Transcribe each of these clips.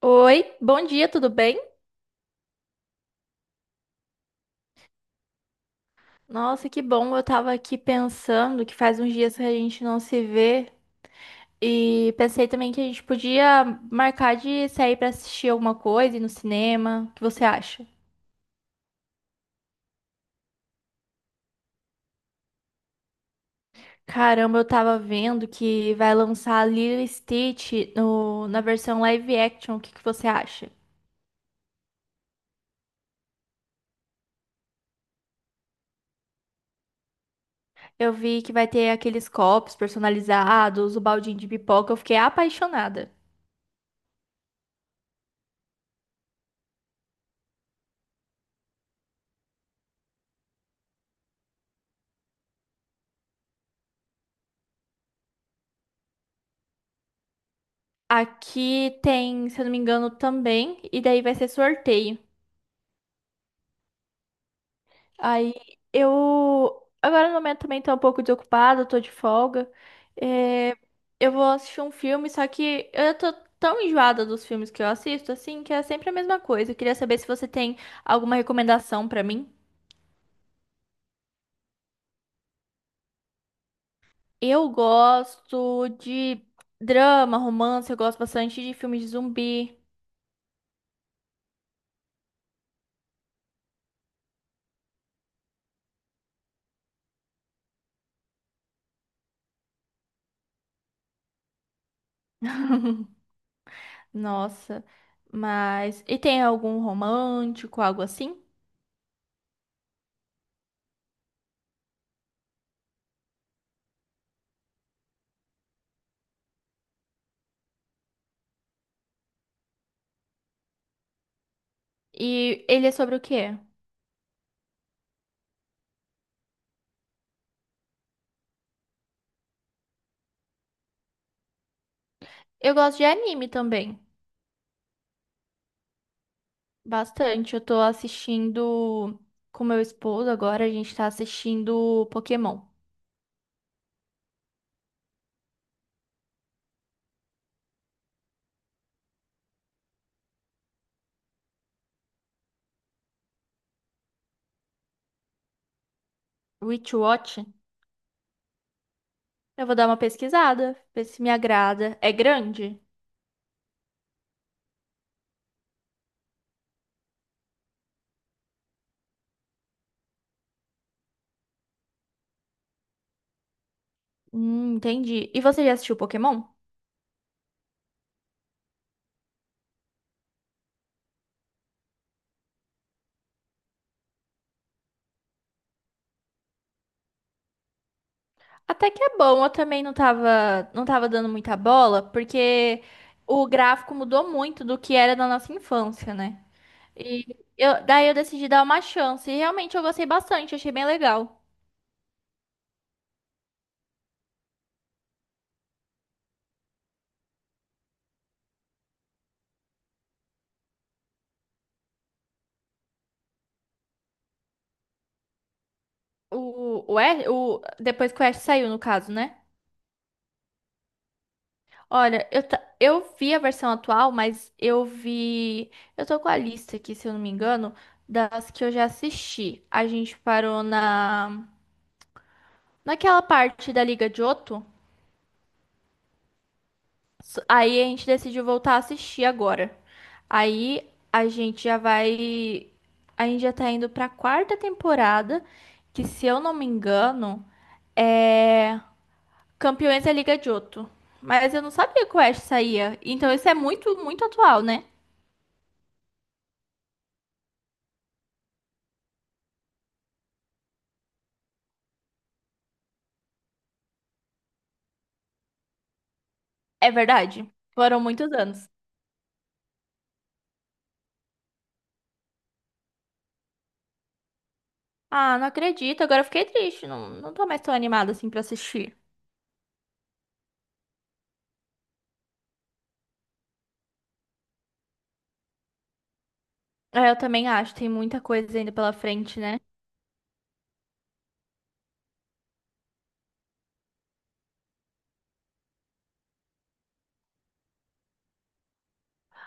Oi, bom dia, tudo bem? Nossa, que bom. Eu tava aqui pensando que faz uns dias que a gente não se vê e pensei também que a gente podia marcar de sair pra assistir alguma coisa, ir no cinema. O que você acha? Caramba, eu tava vendo que vai lançar Lilo e Stitch no, na versão live action. O que que você acha? Eu vi que vai ter aqueles copos personalizados, o baldinho de pipoca. Eu fiquei apaixonada. Aqui tem, se eu não me engano, também, e daí vai ser sorteio. Aí eu. Agora no momento também tô um pouco desocupada, tô de folga. É, eu vou assistir um filme, só que eu tô tão enjoada dos filmes que eu assisto, assim, que é sempre a mesma coisa. Eu queria saber se você tem alguma recomendação pra mim. Eu gosto de drama, romance, eu gosto bastante de filmes de zumbi. Nossa, mas. E tem algum romântico, algo assim? E ele é sobre o quê? Eu gosto de anime também. Bastante. Eu tô assistindo com meu esposo agora, a gente tá assistindo Pokémon. Witch Watch. Eu vou dar uma pesquisada, ver se me agrada. É grande? Entendi. E você já assistiu Pokémon? Até que é bom, eu também não tava dando muita bola, porque o gráfico mudou muito do que era na nossa infância, né? E daí eu decidi dar uma chance, e realmente eu gostei bastante, achei bem legal. Depois que o Ash saiu, no caso, né? Olha, eu vi a versão atual, mas eu vi. Eu tô com a lista aqui, se eu não me engano, das que eu já assisti. A gente parou na naquela parte da Liga de Johto. Aí a gente decidiu voltar a assistir agora. Aí a gente já vai. A gente já tá indo pra quarta temporada, que se eu não me engano, é. Campeões da Liga de Johto. Mas eu não sabia que o Ash saía. Então isso é muito, muito atual, né? É verdade. Foram muitos anos. Ah, não acredito. Agora eu fiquei triste. Não, não tô mais tão animada assim pra assistir. É, eu também acho. Tem muita coisa ainda pela frente, né?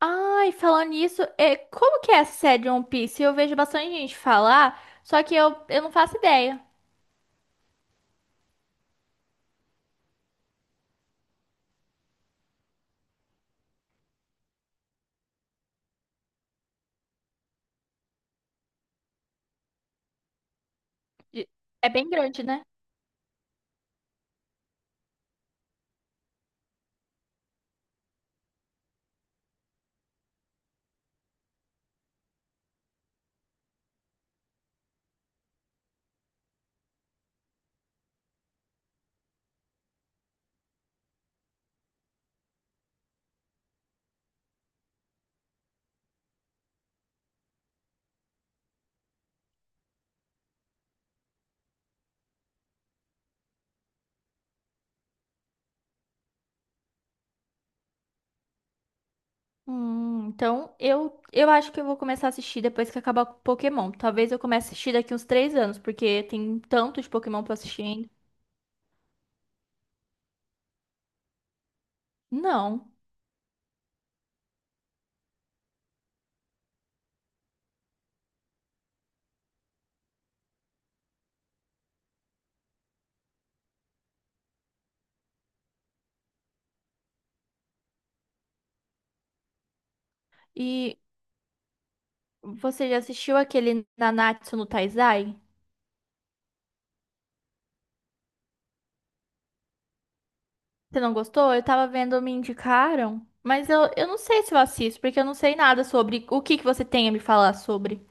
Ai, falando nisso, é, como que é essa série de One Piece? Eu vejo bastante gente falar, só que eu não faço ideia. De- É bem grande, né? Então eu acho que eu vou começar a assistir depois que acabar o Pokémon. Talvez eu comece a assistir daqui uns 3 anos, porque tem tanto de Pokémon pra assistir ainda. Não. E você já assistiu aquele Nanatsu no Taizai? Você não gostou? Eu tava vendo, me indicaram. Mas eu não sei se eu assisto, porque eu não sei nada sobre o que que você tem a me falar sobre.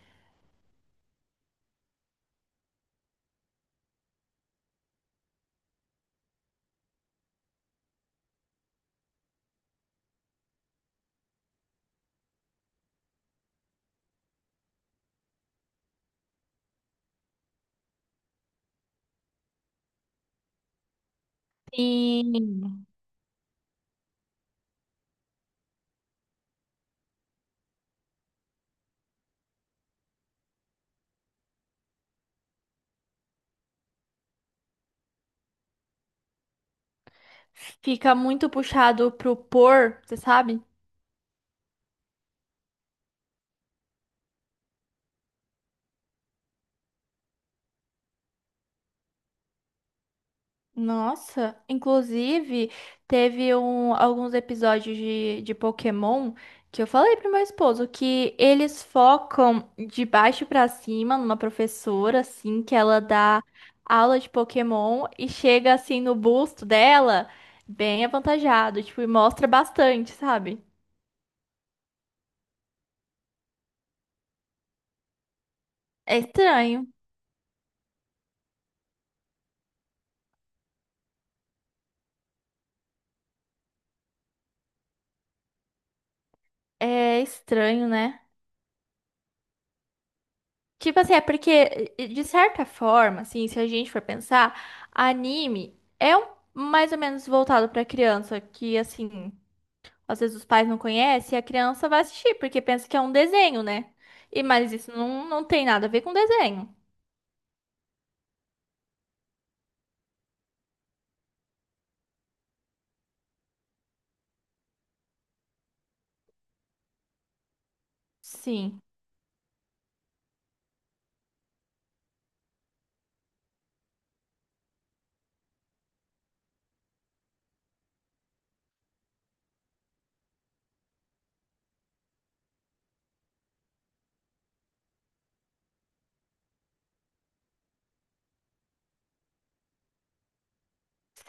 E fica muito puxado pro por, você sabe? Nossa, inclusive teve alguns episódios de Pokémon que eu falei pro meu esposo que eles focam de baixo pra cima numa professora, assim, que ela dá aula de Pokémon e chega assim no busto dela, bem avantajado, tipo, e mostra bastante, sabe? É estranho, é estranho, né? Tipo assim, é porque, de certa forma, assim, se a gente for pensar, anime é mais ou menos voltado pra criança, que, assim, às vezes os pais não conhecem e a criança vai assistir, porque pensa que é um desenho, né? E, mas isso não, não tem nada a ver com desenho. Sim,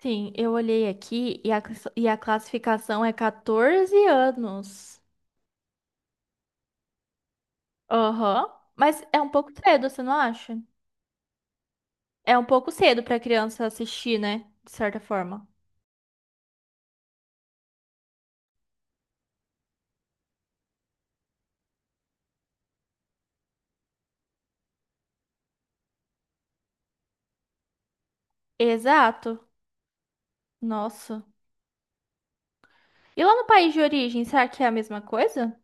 sim, eu olhei aqui e a classificação é 14 anos. Aham. Mas é um pouco cedo, você não acha? É um pouco cedo pra criança assistir, né? De certa forma. Exato. Nossa. E lá no país de origem, será que é a mesma coisa?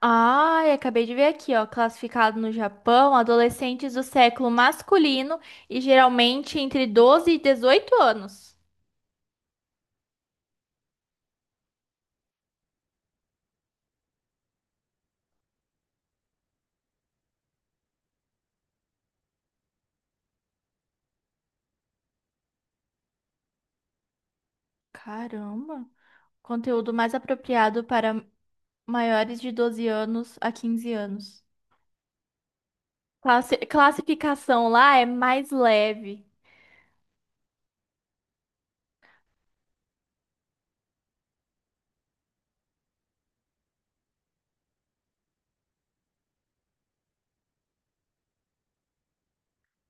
Ai, acabei de ver aqui, ó. Classificado no Japão, adolescentes do século masculino e geralmente entre 12 e 18 anos. Caramba. Conteúdo mais apropriado para maiores de 12 anos a 15 anos. Classificação lá é mais leve.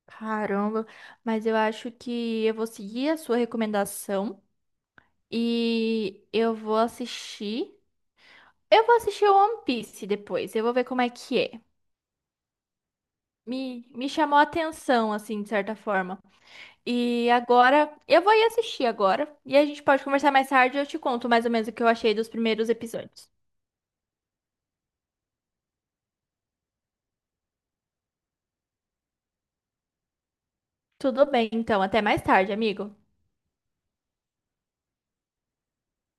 Caramba. Mas eu acho que eu vou seguir a sua recomendação e eu vou assistir. Eu vou assistir o One Piece depois, eu vou ver como é que é. Me chamou a atenção, assim, de certa forma. E agora, eu vou ir assistir agora, e a gente pode conversar mais tarde e eu te conto mais ou menos o que eu achei dos primeiros episódios. Tudo bem, então, até mais tarde, amigo.